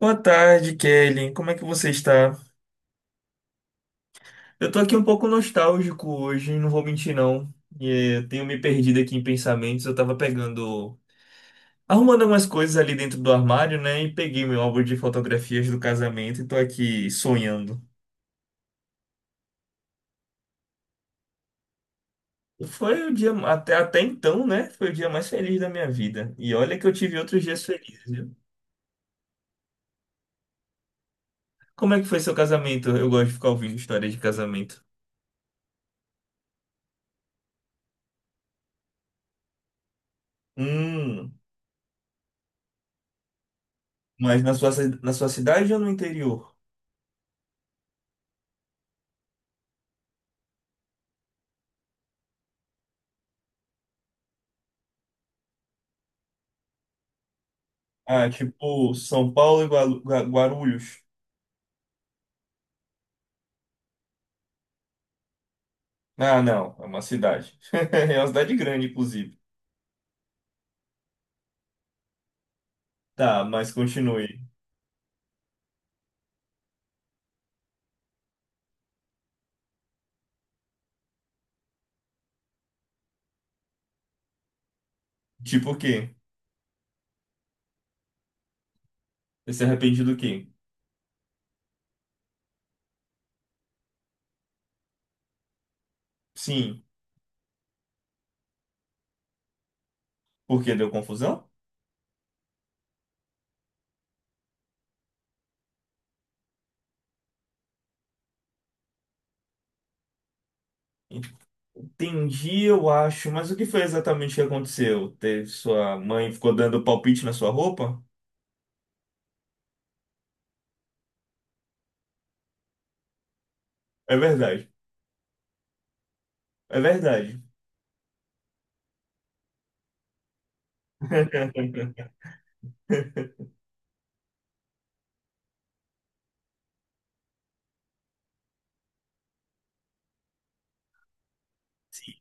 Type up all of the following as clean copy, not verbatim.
Boa tarde, Kelly. Como é que você está? Eu tô aqui um pouco nostálgico hoje, não vou mentir não. Eu tenho me perdido aqui em pensamentos. Eu tava pegando, arrumando algumas coisas ali dentro do armário, né? E peguei meu álbum de fotografias do casamento e tô aqui sonhando. Foi o dia até então, né? Foi o dia mais feliz da minha vida. E olha que eu tive outros dias felizes, viu? Como é que foi seu casamento? Eu gosto de ficar ouvindo histórias de casamento. Hum, mas na na sua cidade ou no interior? Ah, tipo São Paulo e Guarulhos. Ah, não, é uma cidade. É uma cidade grande, inclusive. Tá, mas continue. Tipo o quê? Você se arrepende do quê? Sim, porque deu confusão? Entendi, eu acho, mas o que foi exatamente que aconteceu? Teve Sua mãe ficou dando palpite na sua roupa? É verdade, é verdade. Sim,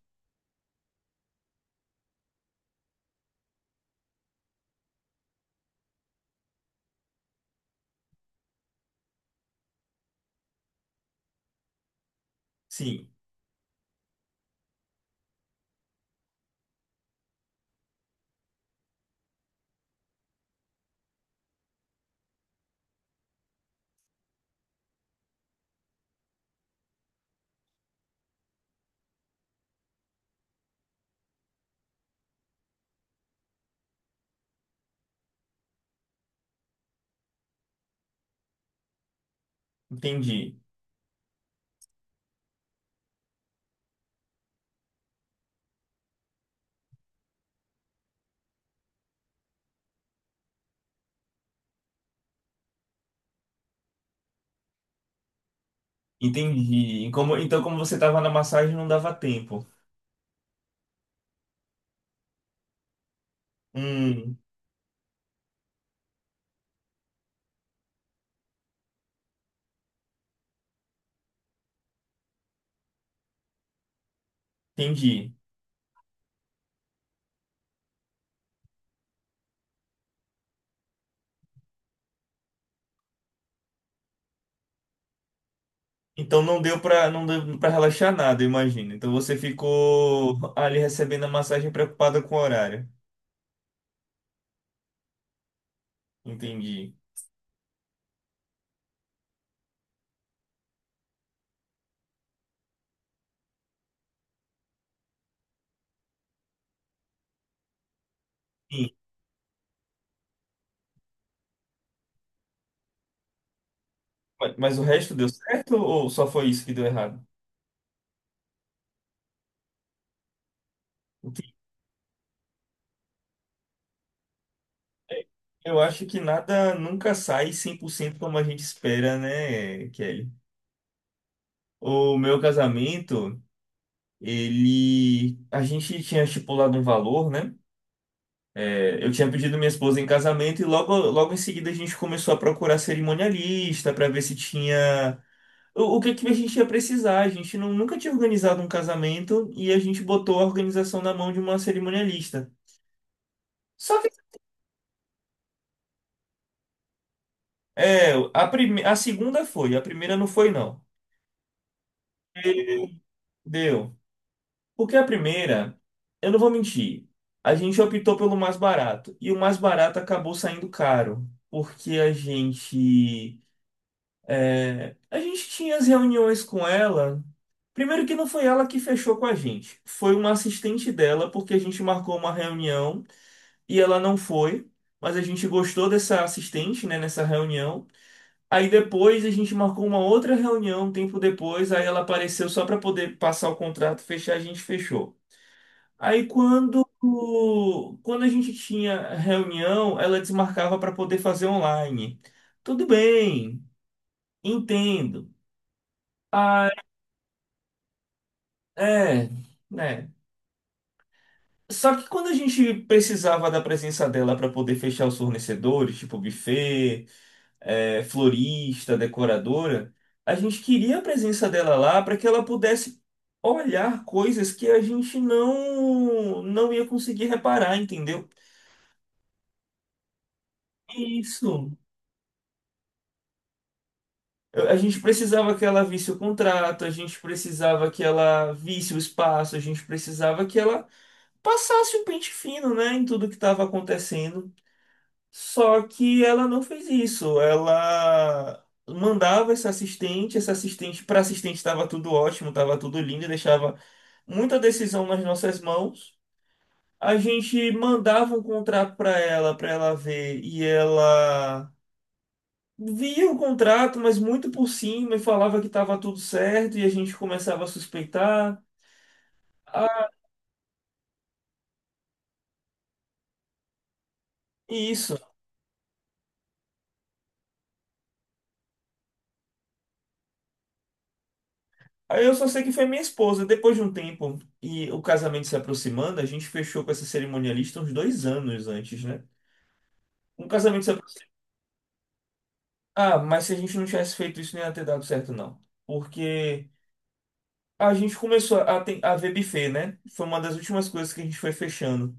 sim, entendi, entendi. E então, como você estava na massagem, não dava tempo. Hum, entendi. Então não deu para relaxar nada, imagina. Então você ficou ali recebendo a massagem preocupada com o horário. Entendi. Sim. Mas o resto deu certo ou só foi isso que deu errado? Entendi. Eu acho que nada nunca sai 100% como a gente espera, né, Kelly? O meu casamento, ele a gente tinha estipulado um valor, né? É, eu tinha pedido minha esposa em casamento e logo, logo em seguida a gente começou a procurar cerimonialista para ver se tinha o que que a gente ia precisar. A gente não, Nunca tinha organizado um casamento e a gente botou a organização na mão de uma cerimonialista. Só que é, a segunda foi, a primeira não foi, não. Ele Deu. Porque a primeira, eu não vou mentir, a gente optou pelo mais barato. E o mais barato acabou saindo caro. Porque a gente a gente tinha as reuniões com ela. Primeiro que não foi ela que fechou com a gente, foi uma assistente dela, porque a gente marcou uma reunião e ela não foi, mas a gente gostou dessa assistente, né, nessa reunião. Aí depois a gente marcou uma outra reunião, um tempo depois, aí ela apareceu só para poder passar o contrato, fechar, a gente fechou. Aí quando Quando a gente tinha reunião, ela desmarcava para poder fazer online. Tudo bem, entendo. Ah, é, né? Só que quando a gente precisava da presença dela para poder fechar os fornecedores, tipo buffet, é, florista, decoradora, a gente queria a presença dela lá para que ela pudesse olhar coisas que a gente não ia conseguir reparar, entendeu? Isso. A gente precisava que ela visse o contrato, a gente precisava que ela visse o espaço, a gente precisava que ela passasse o pente fino, né, em tudo que estava acontecendo. Só que ela não fez isso. Ela mandava essa assistente, para assistente estava tudo ótimo, estava tudo lindo, deixava muita decisão nas nossas mãos. A gente mandava um contrato para ela ver, e ela via o contrato, mas muito por cima e falava que estava tudo certo e a gente começava a suspeitar. Ah, isso. Aí eu só sei que foi minha esposa. Depois de um tempo e o casamento se aproximando, a gente fechou com essa cerimonialista uns 2 anos antes, né? Um casamento se aproximando. Ah, mas se a gente não tivesse feito isso, não ia ter dado certo, não. Porque a gente começou a ver buffet, né? Foi uma das últimas coisas que a gente foi fechando.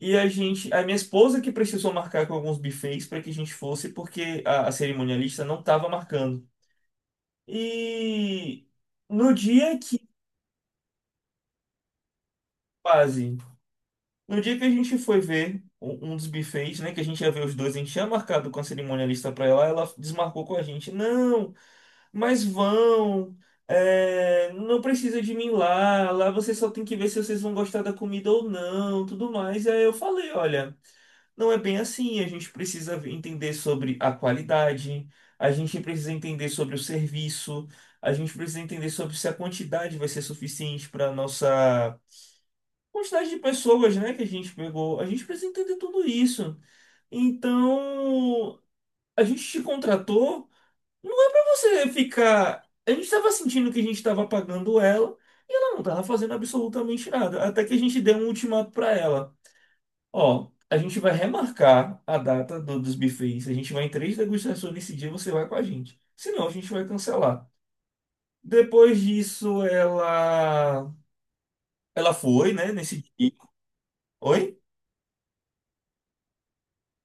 E a gente, a minha esposa que precisou marcar com alguns buffets para que a gente fosse, porque a cerimonialista não estava marcando. E no dia que quase. No dia que a gente foi ver um dos buffets, né? Que a gente ia ver os dois, a gente tinha marcado com a cerimonialista pra ela, ela desmarcou com a gente. Não, mas vão. Não precisa de mim lá. Lá vocês só tem que ver se vocês vão gostar da comida ou não, tudo mais. E aí eu falei, olha. Não é bem assim. A gente precisa entender sobre a qualidade, a gente precisa entender sobre o serviço, a gente precisa entender sobre se a quantidade vai ser suficiente para nossa quantidade de pessoas, né, que a gente pegou. A gente precisa entender tudo isso. Então, a gente te contratou, não é para você ficar. A gente estava sentindo que a gente estava pagando ela e ela não estava fazendo absolutamente nada. Até que a gente deu um ultimato para ela. Ó, a gente vai remarcar a data dos buffets. A gente vai em três degustações nesse dia, você vai com a gente. Senão a gente vai cancelar. Depois disso, ela foi, né, nesse dia. Oi?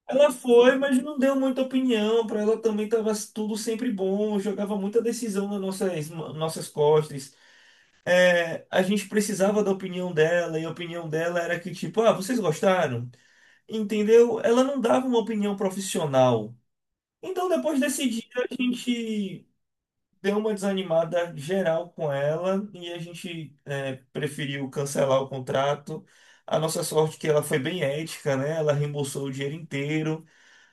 Ela foi, mas não deu muita opinião. Para ela também estava tudo sempre bom, jogava muita decisão nas nossas costas. É, a gente precisava da opinião dela, e a opinião dela era que, tipo, ah, vocês gostaram? Entendeu? Ela não dava uma opinião profissional. Então, depois desse dia, a gente deu uma desanimada geral com ela e a gente preferiu cancelar o contrato. A nossa sorte é que ela foi bem ética, né? Ela reembolsou o dinheiro inteiro.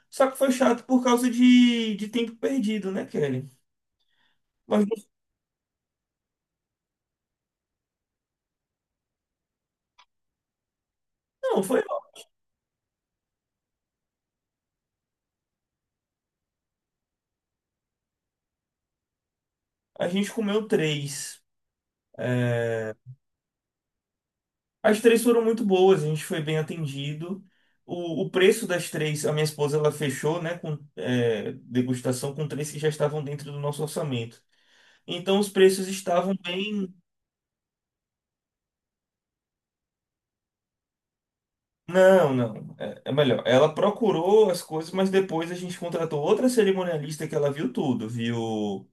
Só que foi chato por causa de tempo perdido, né, Kelly? Mas não, foi. Ó. A gente comeu três. É, as três foram muito boas, a gente foi bem atendido. O preço das três, a minha esposa ela fechou, né, com degustação com três que já estavam dentro do nosso orçamento. Então os preços estavam bem. Não, não. É, é melhor. Ela procurou as coisas, mas depois a gente contratou outra cerimonialista que ela viu tudo, viu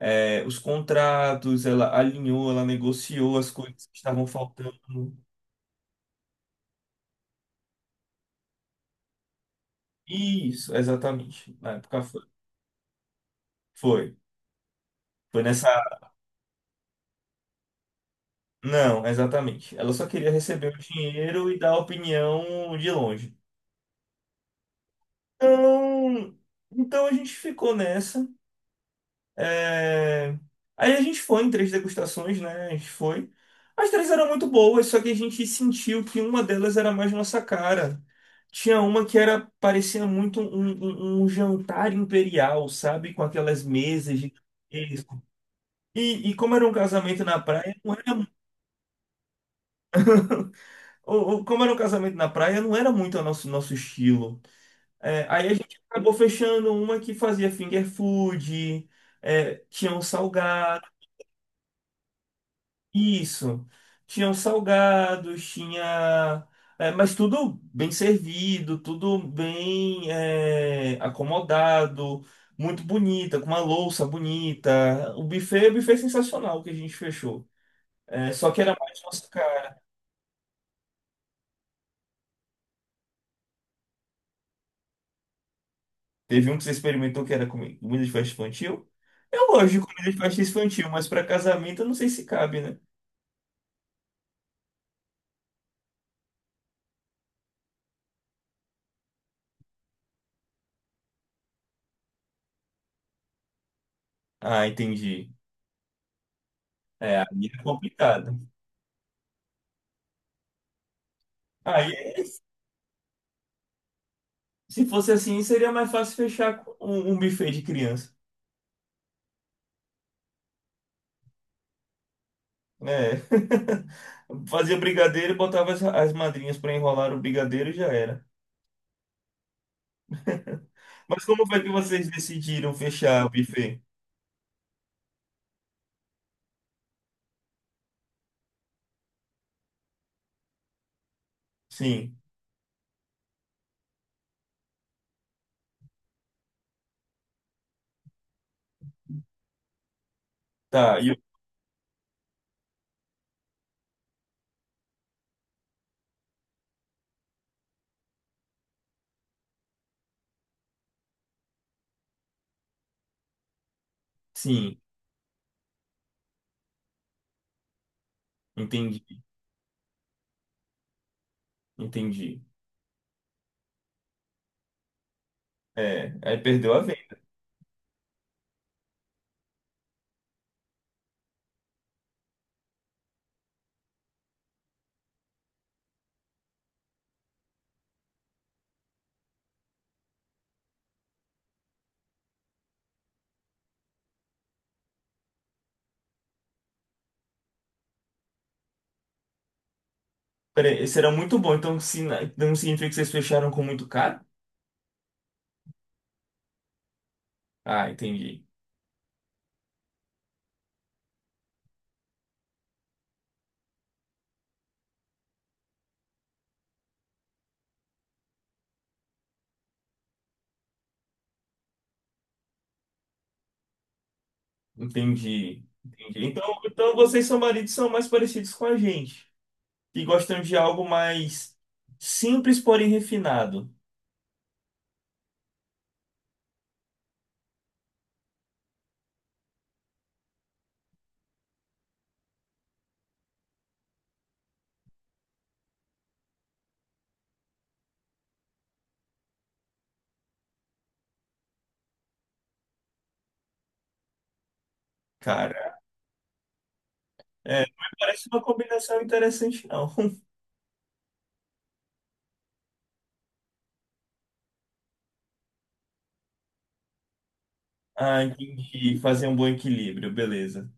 os contratos, ela alinhou, ela negociou as coisas que estavam faltando. Isso, exatamente. Na época foi. Foi. Foi nessa. Não, exatamente. Ela só queria receber o dinheiro e dar opinião de longe. Então, então a gente ficou nessa. É, aí a gente foi em três degustações, né? A gente foi. As três eram muito boas, só que a gente sentiu que uma delas era mais nossa cara. Tinha uma que era parecia muito um jantar imperial, sabe? Com aquelas mesas de e como era um casamento na praia, não era, ou como era um casamento na praia, não era muito nosso estilo. É, aí a gente acabou fechando uma que fazia finger food, é, tinha um salgado. Isso. Tinham salgados, tinha. É, mas tudo bem servido, acomodado, muito bonita, com uma louça bonita. O buffet sensacional que a gente fechou. É, só que era mais nossa cara. Teve um que você experimentou que era comida de festa infantil. Eu gosto de comida de festa infantil, mas para casamento eu não sei se cabe, né? Ah, entendi. É, aí é complicado. Aí, se fosse assim, seria mais fácil fechar com um buffet de criança. É. Fazia brigadeiro e botava as madrinhas para enrolar o brigadeiro e já era. Mas como foi que vocês decidiram fechar o buffet? Sim, tá. E eu- Sim, entendi, entendi. É, aí perdeu a venda. Peraí, esse era muito bom, então, se, então significa que vocês fecharam com muito caro? Ah, entendi, entendi, entendi. Então, então vocês são maridos são mais parecidos com a gente, que gostam de algo mais simples, porém refinado. Cara. É, mas parece uma combinação interessante, não. Ah, entendi. Fazer um bom equilíbrio, beleza.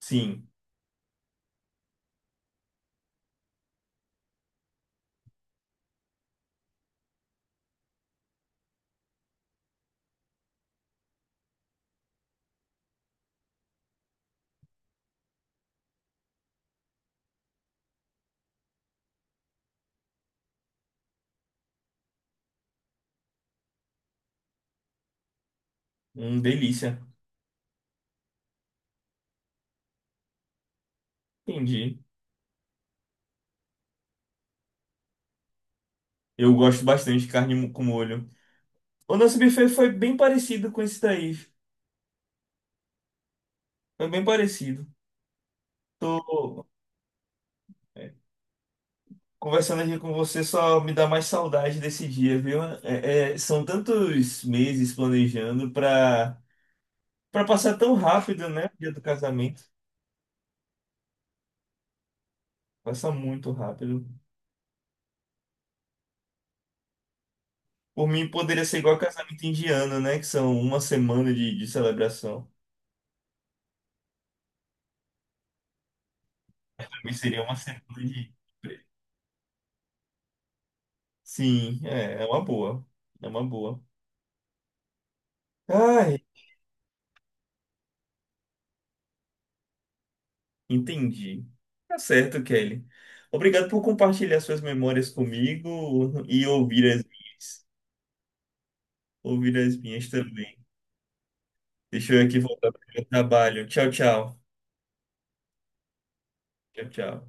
Sim, delícia. Entendi. Eu gosto bastante de carne com molho. O nosso buffet foi bem parecido com esse daí. Foi bem parecido. Tô é, conversando aqui com você, só me dá mais saudade desse dia, viu? São tantos meses planejando pra, pra passar tão rápido, né? O dia do casamento. Passa muito rápido. Por mim, poderia ser igual casamento indiano, né? Que são uma semana de celebração. Pra mim seria uma semana de. Sim, é, é uma boa. É uma boa. Ai, entendi. Tá certo, Kelly. Obrigado por compartilhar suas memórias comigo e ouvir as minhas. Ouvir as minhas também. Deixa eu aqui voltar para o meu trabalho. Tchau, tchau. Tchau, tchau.